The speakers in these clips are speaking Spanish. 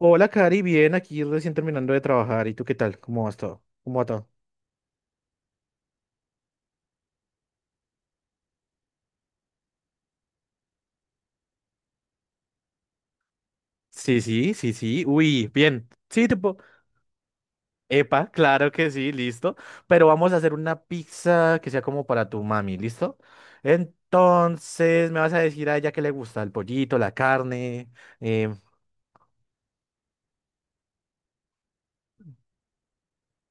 Hola, Cari, bien, aquí recién terminando de trabajar. ¿Y tú qué tal? ¿Cómo vas todo? ¿Cómo va todo? Sí. Uy, bien. Sí, tipo, epa, claro que sí, listo. Pero vamos a hacer una pizza que sea como para tu mami, ¿listo? Entonces, me vas a decir a ella que le gusta el pollito, la carne. em,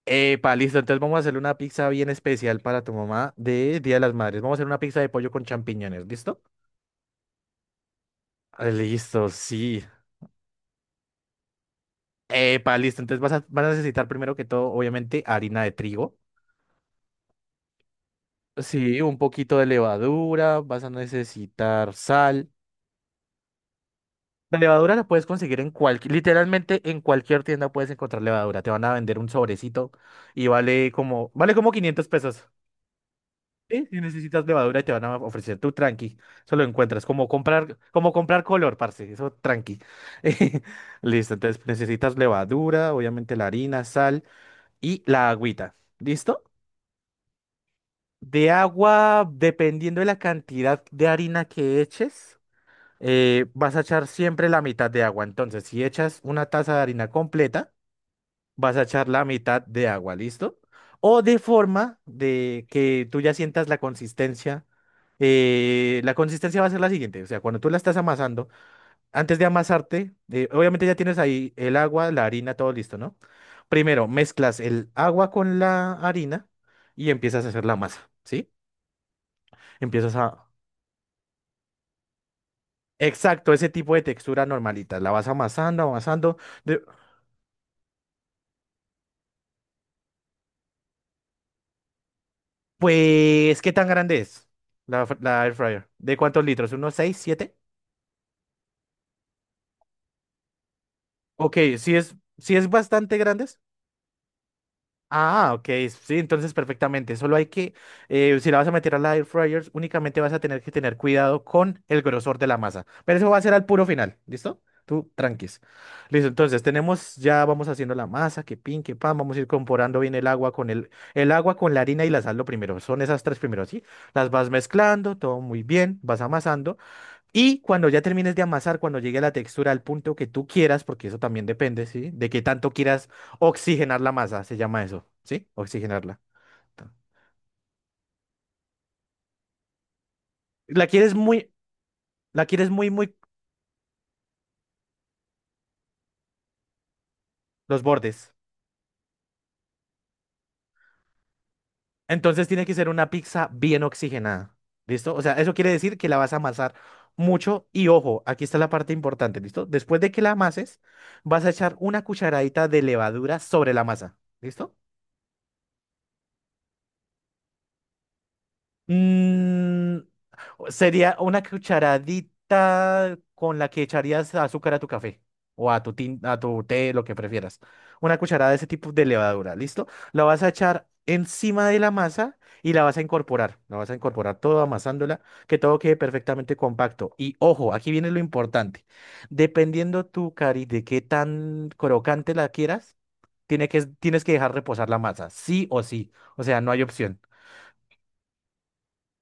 Epa, listo. Entonces, vamos a hacer una pizza bien especial para tu mamá de Día de las Madres. Vamos a hacer una pizza de pollo con champiñones, ¿listo? Ah, listo, sí. Epa, listo. Entonces vas a necesitar primero que todo, obviamente, harina de trigo. Sí, un poquito de levadura. Vas a necesitar sal. La levadura la puedes conseguir en cualquier, literalmente en cualquier tienda puedes encontrar levadura. Te van a vender un sobrecito y vale como 500 pesos. Sí, si necesitas levadura y te van a ofrecer tu tranqui. Eso lo encuentras. Como comprar color, parce. Eso tranqui. Listo. Entonces necesitas levadura, obviamente la harina, sal y la agüita. ¿Listo? De agua, dependiendo de la cantidad de harina que eches, vas a echar siempre la mitad de agua. Entonces, si echas una taza de harina completa, vas a echar la mitad de agua, ¿listo? O de forma de que tú ya sientas la consistencia. La consistencia va a ser la siguiente, o sea, cuando tú la estás amasando, antes de amasarte, obviamente ya tienes ahí el agua, la harina, todo listo, ¿no? Primero mezclas el agua con la harina y empiezas a hacer la masa, ¿sí? Empiezas a... Exacto, ese tipo de textura normalita. La vas amasando. de- Pues, ¿qué tan grande es la air fryer? ¿De cuántos litros? ¿Unos 6 7? Ok, sí es bastante grande. Ah, ok, sí, entonces perfectamente. Solo hay que, si la vas a meter a la air fryer, únicamente vas a tener que tener cuidado con el grosor de la masa. Pero eso va a ser al puro final, ¿listo? Tú, tranquis. Listo, entonces tenemos, ya vamos haciendo la masa, que pin, que pan, vamos a ir comporando bien el agua con el agua con la harina y la sal lo primero. Son esas tres primero, ¿sí? Las vas mezclando, todo muy bien, vas amasando. Y cuando ya termines de amasar, cuando llegue la textura al punto que tú quieras, porque eso también depende, ¿sí? De qué tanto quieras oxigenar la masa, se llama eso, ¿sí? Oxigenarla. La quieres muy, la quieres muy, muy los bordes. Entonces tiene que ser una pizza bien oxigenada, ¿listo? O sea, eso quiere decir que la vas a amasar mucho y ojo, aquí está la parte importante, ¿listo? Después de que la amases, vas a echar una cucharadita de levadura sobre la masa, ¿listo? Mm. Sería una cucharadita con la que echarías azúcar a tu café o a a tu té, lo que prefieras. Una cucharada de ese tipo de levadura, ¿listo? La vas a echar encima de la masa y la vas a incorporar. La vas a incorporar todo amasándola, que todo quede perfectamente compacto. Y ojo, aquí viene lo importante. Dependiendo tu cari de qué tan crocante la quieras, tienes que dejar reposar la masa, sí o sí. O sea, no hay opción.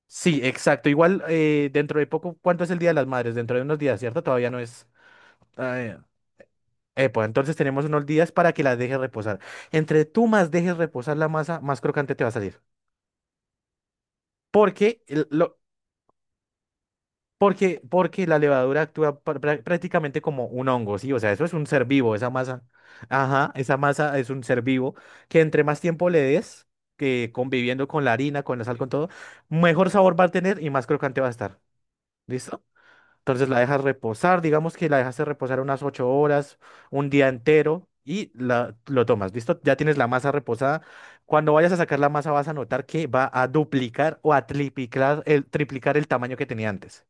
Sí, exacto. Igual dentro de poco, ¿cuánto es el Día de las Madres? Dentro de unos días, ¿cierto? Todavía no es... eh, pues entonces tenemos unos días para que las dejes reposar. Entre tú más dejes reposar la masa, más crocante te va a salir. Porque, el- lo, porque, porque la levadura actúa prácticamente como un hongo, ¿sí? O sea, eso es un ser vivo, esa masa. Ajá, esa masa es un ser vivo que entre más tiempo le des, que conviviendo con la harina, con la sal, con todo, mejor sabor va a tener y más crocante va a estar. ¿Listo? Entonces la dejas reposar, digamos que la dejaste reposar unas 8 horas, un día entero y lo tomas, ¿listo? Ya tienes la masa reposada. Cuando vayas a sacar la masa vas a notar que va a duplicar o a triplicar triplicar el tamaño que tenía antes.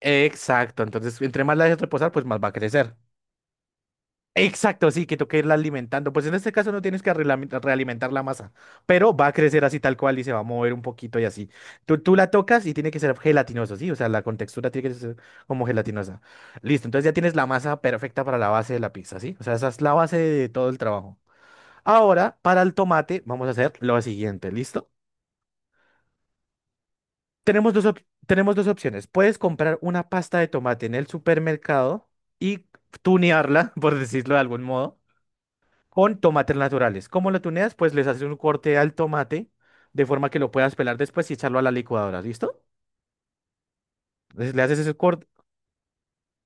Exacto, entonces entre más la dejes reposar, pues más va a crecer. Exacto, sí, que toca irla alimentando. Pues en este caso no tienes que realimentar la masa, pero va a crecer así tal cual y se va a mover un poquito y así. Tú la tocas y tiene que ser gelatinosa, ¿sí? O sea, la contextura tiene que ser como gelatinosa. Listo, entonces ya tienes la masa perfecta para la base de la pizza, ¿sí? O sea, esa es la base de todo el trabajo. Ahora, para el tomate, vamos a hacer lo siguiente, ¿listo? Tenemos dos, op- tenemos dos opciones. Puedes comprar una pasta de tomate en el supermercado y tunearla, por decirlo de algún modo con tomates naturales. ¿Cómo lo tuneas? Pues les haces un corte al tomate de forma que lo puedas pelar después y echarlo a la licuadora, ¿listo? Entonces, le haces ese corte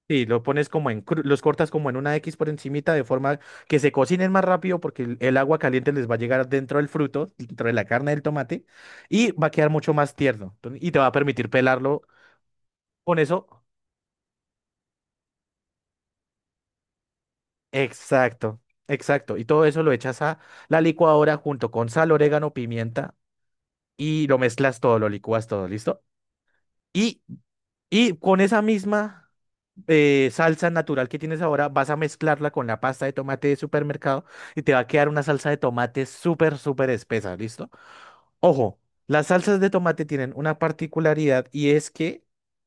y lo pones los cortas como en una X por encimita de forma que se cocinen más rápido porque el agua caliente les va a llegar dentro del fruto, dentro de la carne del tomate y va a quedar mucho más tierno. Entonces, y te va a permitir pelarlo con eso. Exacto, exacto. Y todo eso lo echas a la licuadora junto con sal, orégano, pimienta y lo mezclas todo, lo licúas todo, ¿listo? Y y con esa misma salsa natural que tienes ahora, vas a mezclarla con la pasta de tomate de supermercado y te va a quedar una salsa de tomate súper, súper espesa, ¿listo? Ojo, las salsas de tomate tienen una particularidad y es que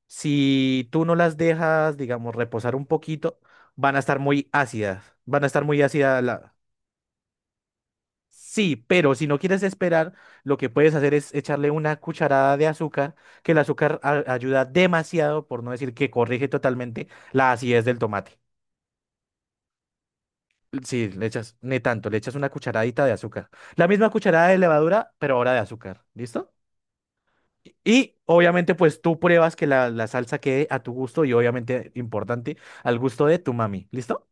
si tú no las dejas, digamos, reposar un poquito, van a estar muy ácidas, van a estar muy ácidas. Sí, pero si no quieres esperar, lo que puedes hacer es echarle una cucharada de azúcar, que el azúcar ayuda demasiado, por no decir que corrige totalmente la acidez del tomate. Sí, le echas, ni tanto, le echas una cucharadita de azúcar. La misma cucharada de levadura, pero ahora de azúcar. ¿Listo? Obviamente, pues tú pruebas que la salsa quede a tu gusto y obviamente, importante, al gusto de tu mami. ¿Listo?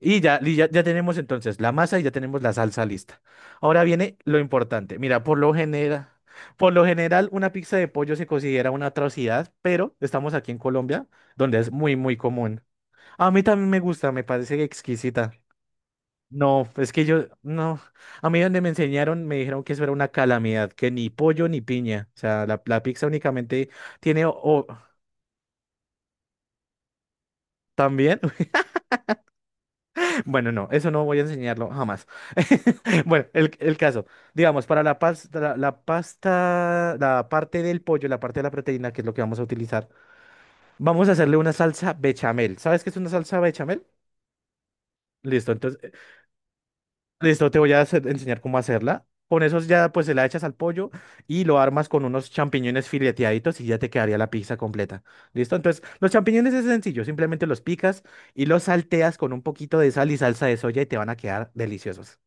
Ya tenemos entonces la masa y ya tenemos la salsa lista. Ahora viene lo importante. Mira, por lo general, una pizza de pollo se considera una atrocidad, pero estamos aquí en Colombia, donde es muy, muy común. A mí también me gusta, me parece exquisita. No, es que yo, no. A mí donde me enseñaron me dijeron que eso era una calamidad, que ni pollo ni piña. O sea, la pizza únicamente tiene o o- también. Bueno, no, eso no voy a enseñarlo jamás. Bueno, el caso, digamos, para la pasta, la parte del pollo, la parte de la proteína, que es lo que vamos a utilizar, vamos a hacerle una salsa bechamel. ¿Sabes qué es una salsa bechamel? Listo, entonces, listo, te voy a enseñar cómo hacerla. Con esos ya, pues, se la echas al pollo y lo armas con unos champiñones fileteaditos y ya te quedaría la pizza completa. ¿Listo? Entonces, los champiñones es sencillo, simplemente los picas y los salteas con un poquito de sal y salsa de soya y te van a quedar deliciosos.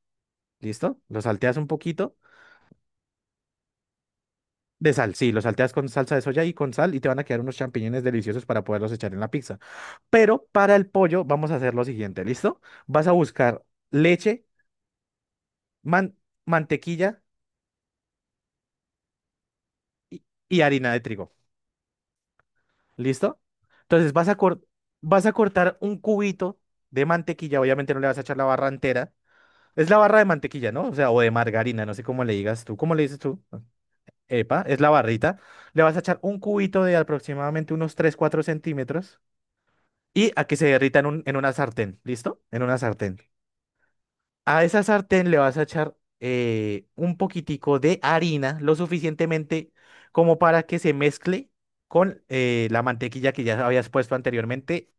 ¿Listo? Lo salteas un poquito de sal. Sí, lo salteas con salsa de soya y con sal y te van a quedar unos champiñones deliciosos para poderlos echar en la pizza. Pero para el pollo vamos a hacer lo siguiente, ¿listo? Vas a buscar leche, man- mantequilla y harina de trigo. ¿Listo? Entonces vas a cortar un cubito de mantequilla. Obviamente no le vas a echar la barra entera. Es la barra de mantequilla, ¿no? O sea, o de margarina, no sé cómo le digas tú. ¿Cómo le dices tú? Epa, es la barrita, le vas a echar un cubito de aproximadamente unos 3, 4 centímetros y a que se derrita en una sartén, ¿listo? En una sartén. A esa sartén le vas a echar un poquitico de harina, lo suficientemente como para que se mezcle con la mantequilla que ya habías puesto anteriormente.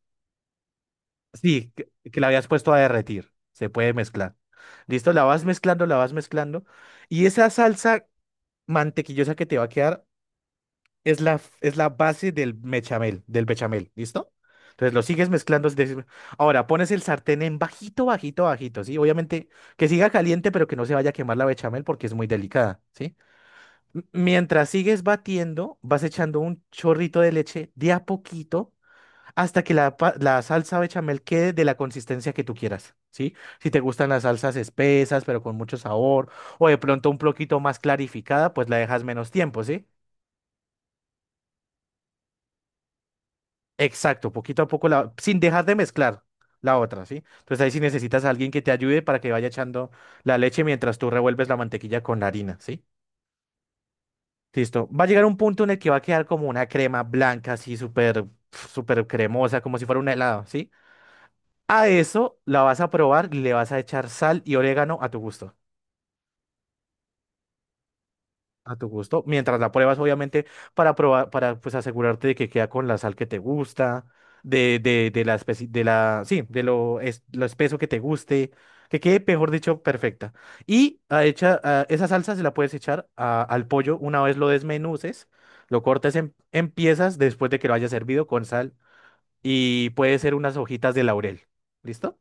Sí, que la habías puesto a derretir. Se puede mezclar. ¿Listo? La vas mezclando. Y esa salsa mantequillosa que te va a quedar es es la base del bechamel, ¿listo? Entonces lo sigues mezclando. Es decir, ahora pones el sartén en bajito, bajito, bajito, ¿sí? Obviamente que siga caliente, pero que no se vaya a quemar la bechamel porque es muy delicada, ¿sí? Mientras sigues batiendo, vas echando un chorrito de leche de a poquito hasta que la salsa bechamel quede de la consistencia que tú quieras, ¿sí? Si te gustan las salsas espesas, pero con mucho sabor, o de pronto un poquito más clarificada, pues la dejas menos tiempo, ¿sí? Exacto, poquito a poco, sin dejar de mezclar la otra, ¿sí? Entonces ahí sí necesitas a alguien que te ayude para que vaya echando la leche mientras tú revuelves la mantequilla con la harina, ¿sí? Listo. Va a llegar un punto en el que va a quedar como una crema blanca, así súper, pf, súper cremosa, como si fuera un helado, ¿sí? A eso la vas a probar y le vas a echar sal y orégano a tu gusto. A tu gusto. Mientras la pruebas, obviamente, para probar, para pues asegurarte de que queda con la sal que te gusta, de la especie, de la, sí, de lo, es, lo espeso que te guste, que quede, mejor dicho, perfecta. Y esa salsa se la puedes echar al pollo una vez lo desmenuces, lo cortes en piezas después de que lo hayas servido con sal y puede ser unas hojitas de laurel. ¿Listo?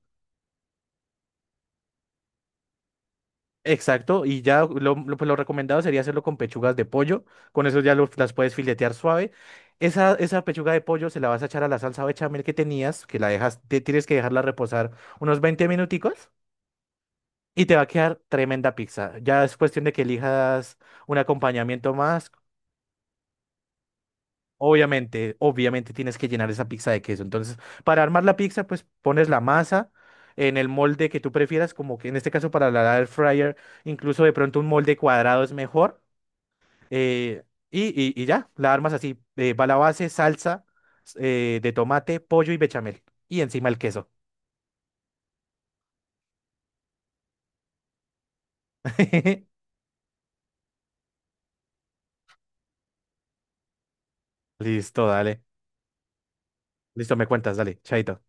Exacto, y ya pues lo recomendado sería hacerlo con pechugas de pollo, con eso ya las puedes filetear suave. Esa pechuga de pollo se la vas a echar a la salsa bechamel que tenías, que la tienes que dejarla reposar unos 20 minuticos y te va a quedar tremenda pizza. Ya es cuestión de que elijas un acompañamiento más. Obviamente, obviamente tienes que llenar esa pizza de queso. Entonces, para armar la pizza, pues pones la masa en el molde que tú prefieras, como que en este caso para la air fryer, incluso de pronto un molde cuadrado es mejor. Eh, y ya, la armas así. Eh, va la base, salsa de tomate, pollo y bechamel. Y encima el queso. Listo, dale. Listo, me cuentas, dale. Chaito.